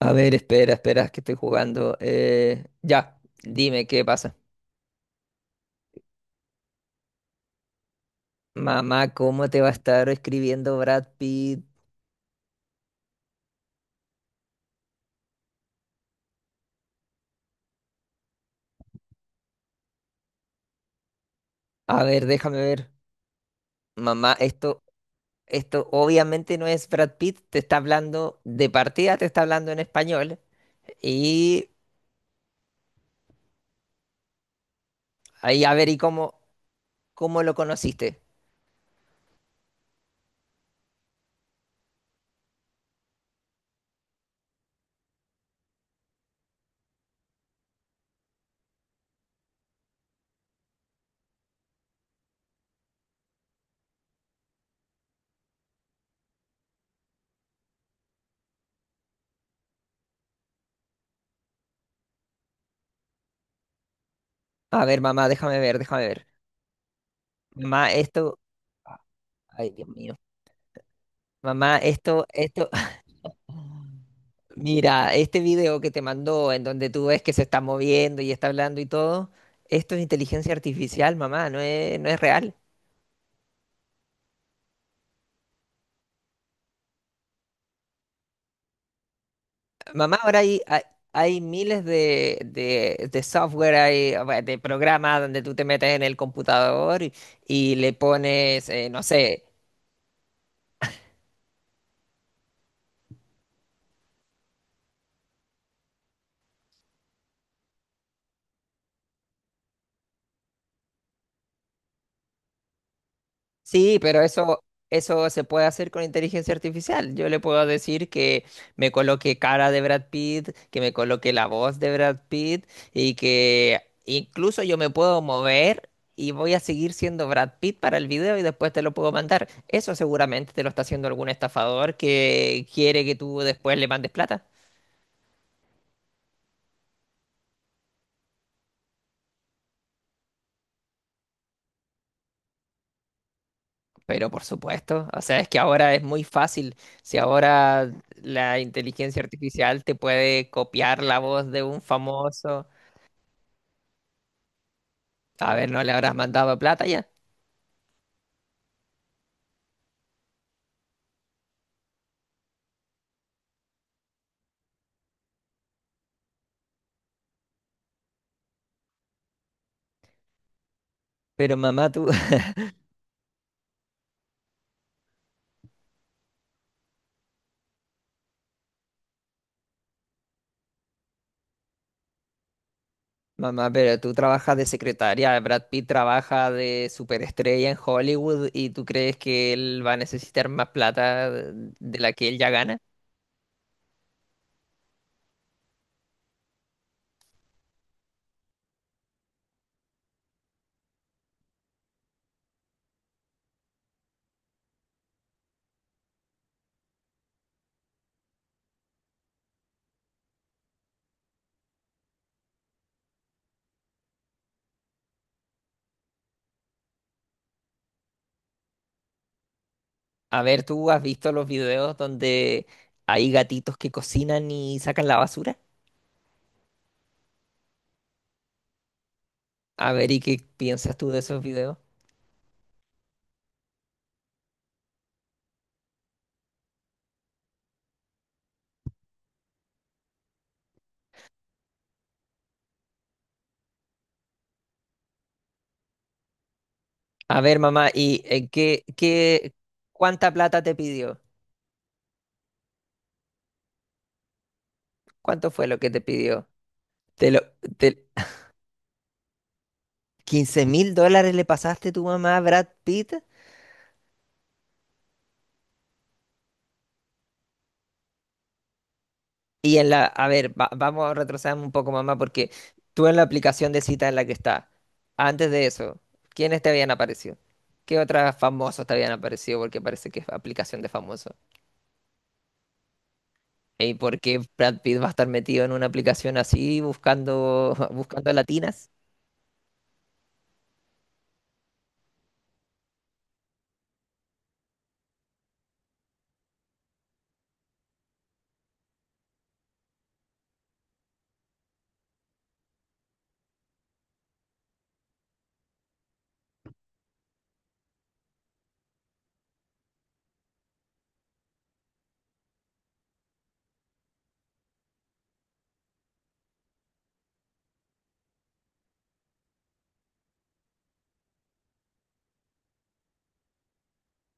A ver, espera, espera, que estoy jugando. Ya, dime qué pasa. Mamá, ¿cómo te va a estar escribiendo Brad Pitt? A ver, déjame ver. Mamá, esto obviamente no es Brad Pitt, te está hablando, de partida te está hablando en español. Y ahí, a ver, ¿y cómo, cómo lo conociste? A ver, mamá, déjame ver, déjame ver. Mamá, esto. Ay, Dios mío. Mamá, esto, esto. Mira, este video que te mandó, en donde tú ves que se está moviendo y está hablando y todo, esto es inteligencia artificial, mamá, no es, no es real. Mamá, ahora hay, hay, hay miles de software, hay, bueno, de programas donde tú te metes en el computador y le pones, no sé. Sí, pero eso se puede hacer con inteligencia artificial. Yo le puedo decir que me coloque cara de Brad Pitt, que me coloque la voz de Brad Pitt y que incluso yo me puedo mover y voy a seguir siendo Brad Pitt para el video y después te lo puedo mandar. Eso seguramente te lo está haciendo algún estafador que quiere que tú después le mandes plata. Pero por supuesto, o sea, es que ahora es muy fácil. Si ahora la inteligencia artificial te puede copiar la voz de un famoso. A ver, no le habrás mandado plata ya. Pero mamá, tú, mamá, pero tú trabajas de secretaria. Brad Pitt trabaja de superestrella en Hollywood y tú crees que él va a necesitar más plata de la que él ya gana. A ver, ¿tú has visto los videos donde hay gatitos que cocinan y sacan la basura? A ver, ¿y qué piensas tú de esos videos? A ver, mamá, ¿y qué, cuánta plata te pidió? ¿Cuánto fue lo que te pidió? Te lo, te- $15.000 le pasaste tu mamá a Brad Pitt. Y en la, a ver, va- vamos a retroceder un poco, mamá, porque tú en la aplicación de cita en la que está, antes de eso, ¿quiénes te habían aparecido? ¿Qué otros famosos te habían aparecido? Porque parece que es aplicación de famosos. ¿Y por qué Brad Pitt va a estar metido en una aplicación así buscando, buscando latinas?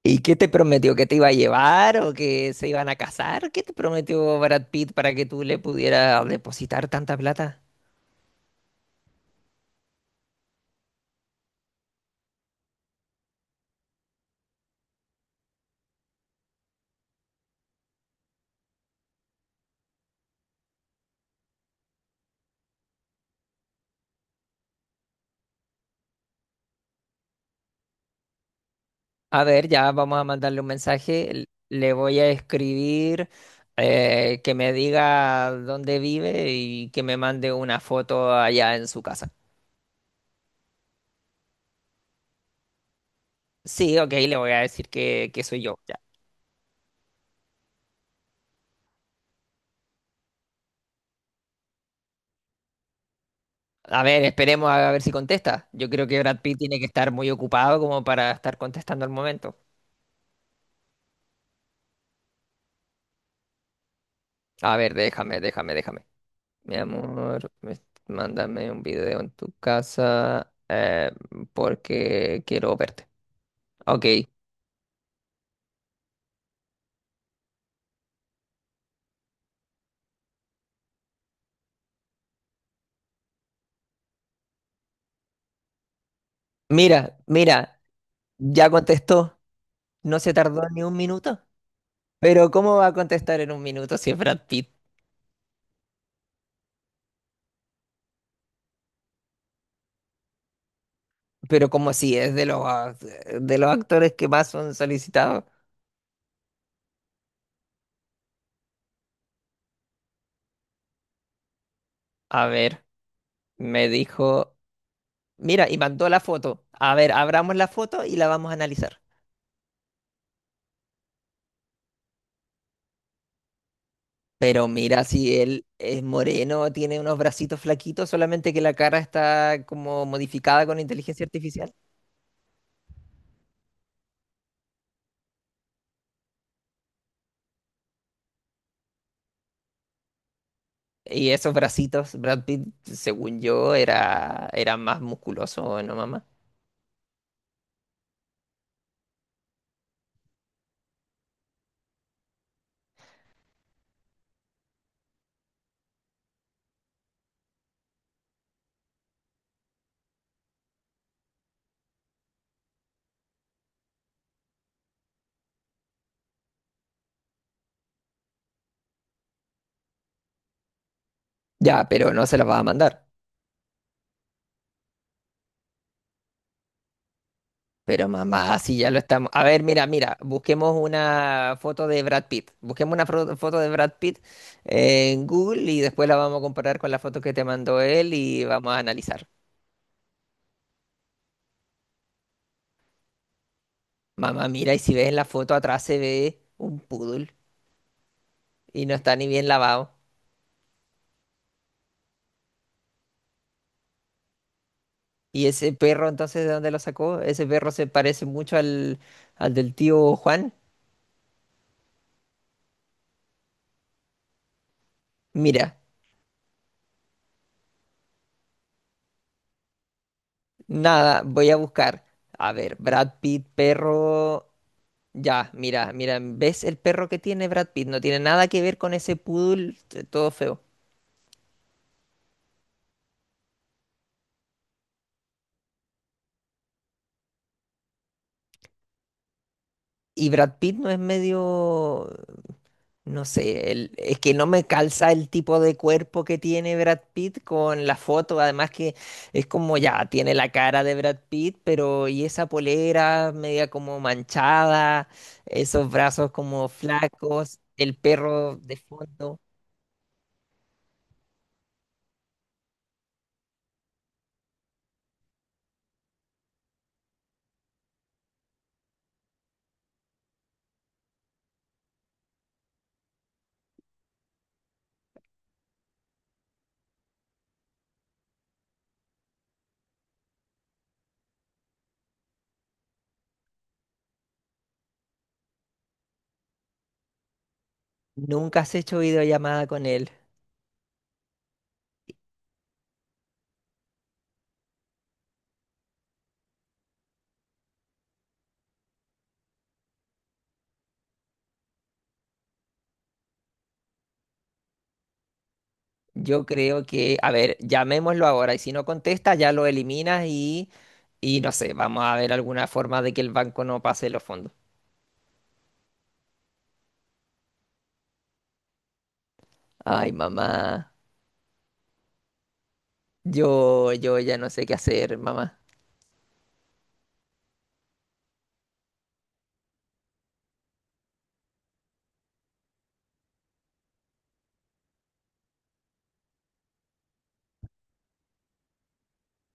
¿Y qué te prometió? ¿Que te iba a llevar o que se iban a casar? ¿Qué te prometió Brad Pitt para que tú le pudieras depositar tanta plata? A ver, ya vamos a mandarle un mensaje. Le voy a escribir que me diga dónde vive y que me mande una foto allá en su casa. Sí, ok, le voy a decir que soy yo, ya. A ver, esperemos a ver si contesta. Yo creo que Brad Pitt tiene que estar muy ocupado como para estar contestando al momento. A ver, déjame, déjame, déjame. Mi amor, me- Mándame un video en tu casa porque quiero verte. Ok, mira, mira, ya contestó. No se tardó ni un minuto. Pero ¿cómo va a contestar en un minuto si es Brad Pitt? Pero como si es de los, de los actores que más son solicitados. A ver, me dijo, mira, y mandó la foto. A ver, abramos la foto y la vamos a analizar. Pero mira, si él es moreno, tiene unos bracitos flaquitos, solamente que la cara está como modificada con inteligencia artificial. Y esos bracitos, Brad Pitt, según yo, era, era más musculoso, ¿no, mamá? Ya, pero no se las va a mandar. Pero mamá, si ya lo estamos. A ver, mira, mira, busquemos una foto de Brad Pitt. Busquemos una foto de Brad Pitt en Google y después la vamos a comparar con la foto que te mandó él y vamos a analizar. Mamá, mira, y si ves en la foto atrás se ve un poodle y no está ni bien lavado. ¿Y ese perro entonces de dónde lo sacó? Ese perro se parece mucho al del tío Juan. Mira, nada, voy a buscar. A ver, Brad Pitt, perro. Ya, mira, mira, ¿ves el perro que tiene Brad Pitt? No tiene nada que ver con ese poodle todo feo. Y Brad Pitt no es medio, no sé, es que no me calza el tipo de cuerpo que tiene Brad Pitt con la foto. Además que es como ya, tiene la cara de Brad Pitt, pero y esa polera media como manchada, esos brazos como flacos, el perro de fondo. Nunca has hecho videollamada con él. Yo creo que, a ver, llamémoslo ahora y si no contesta ya lo eliminas y no sé, vamos a ver alguna forma de que el banco no pase los fondos. Ay, mamá, yo ya no sé qué hacer, mamá.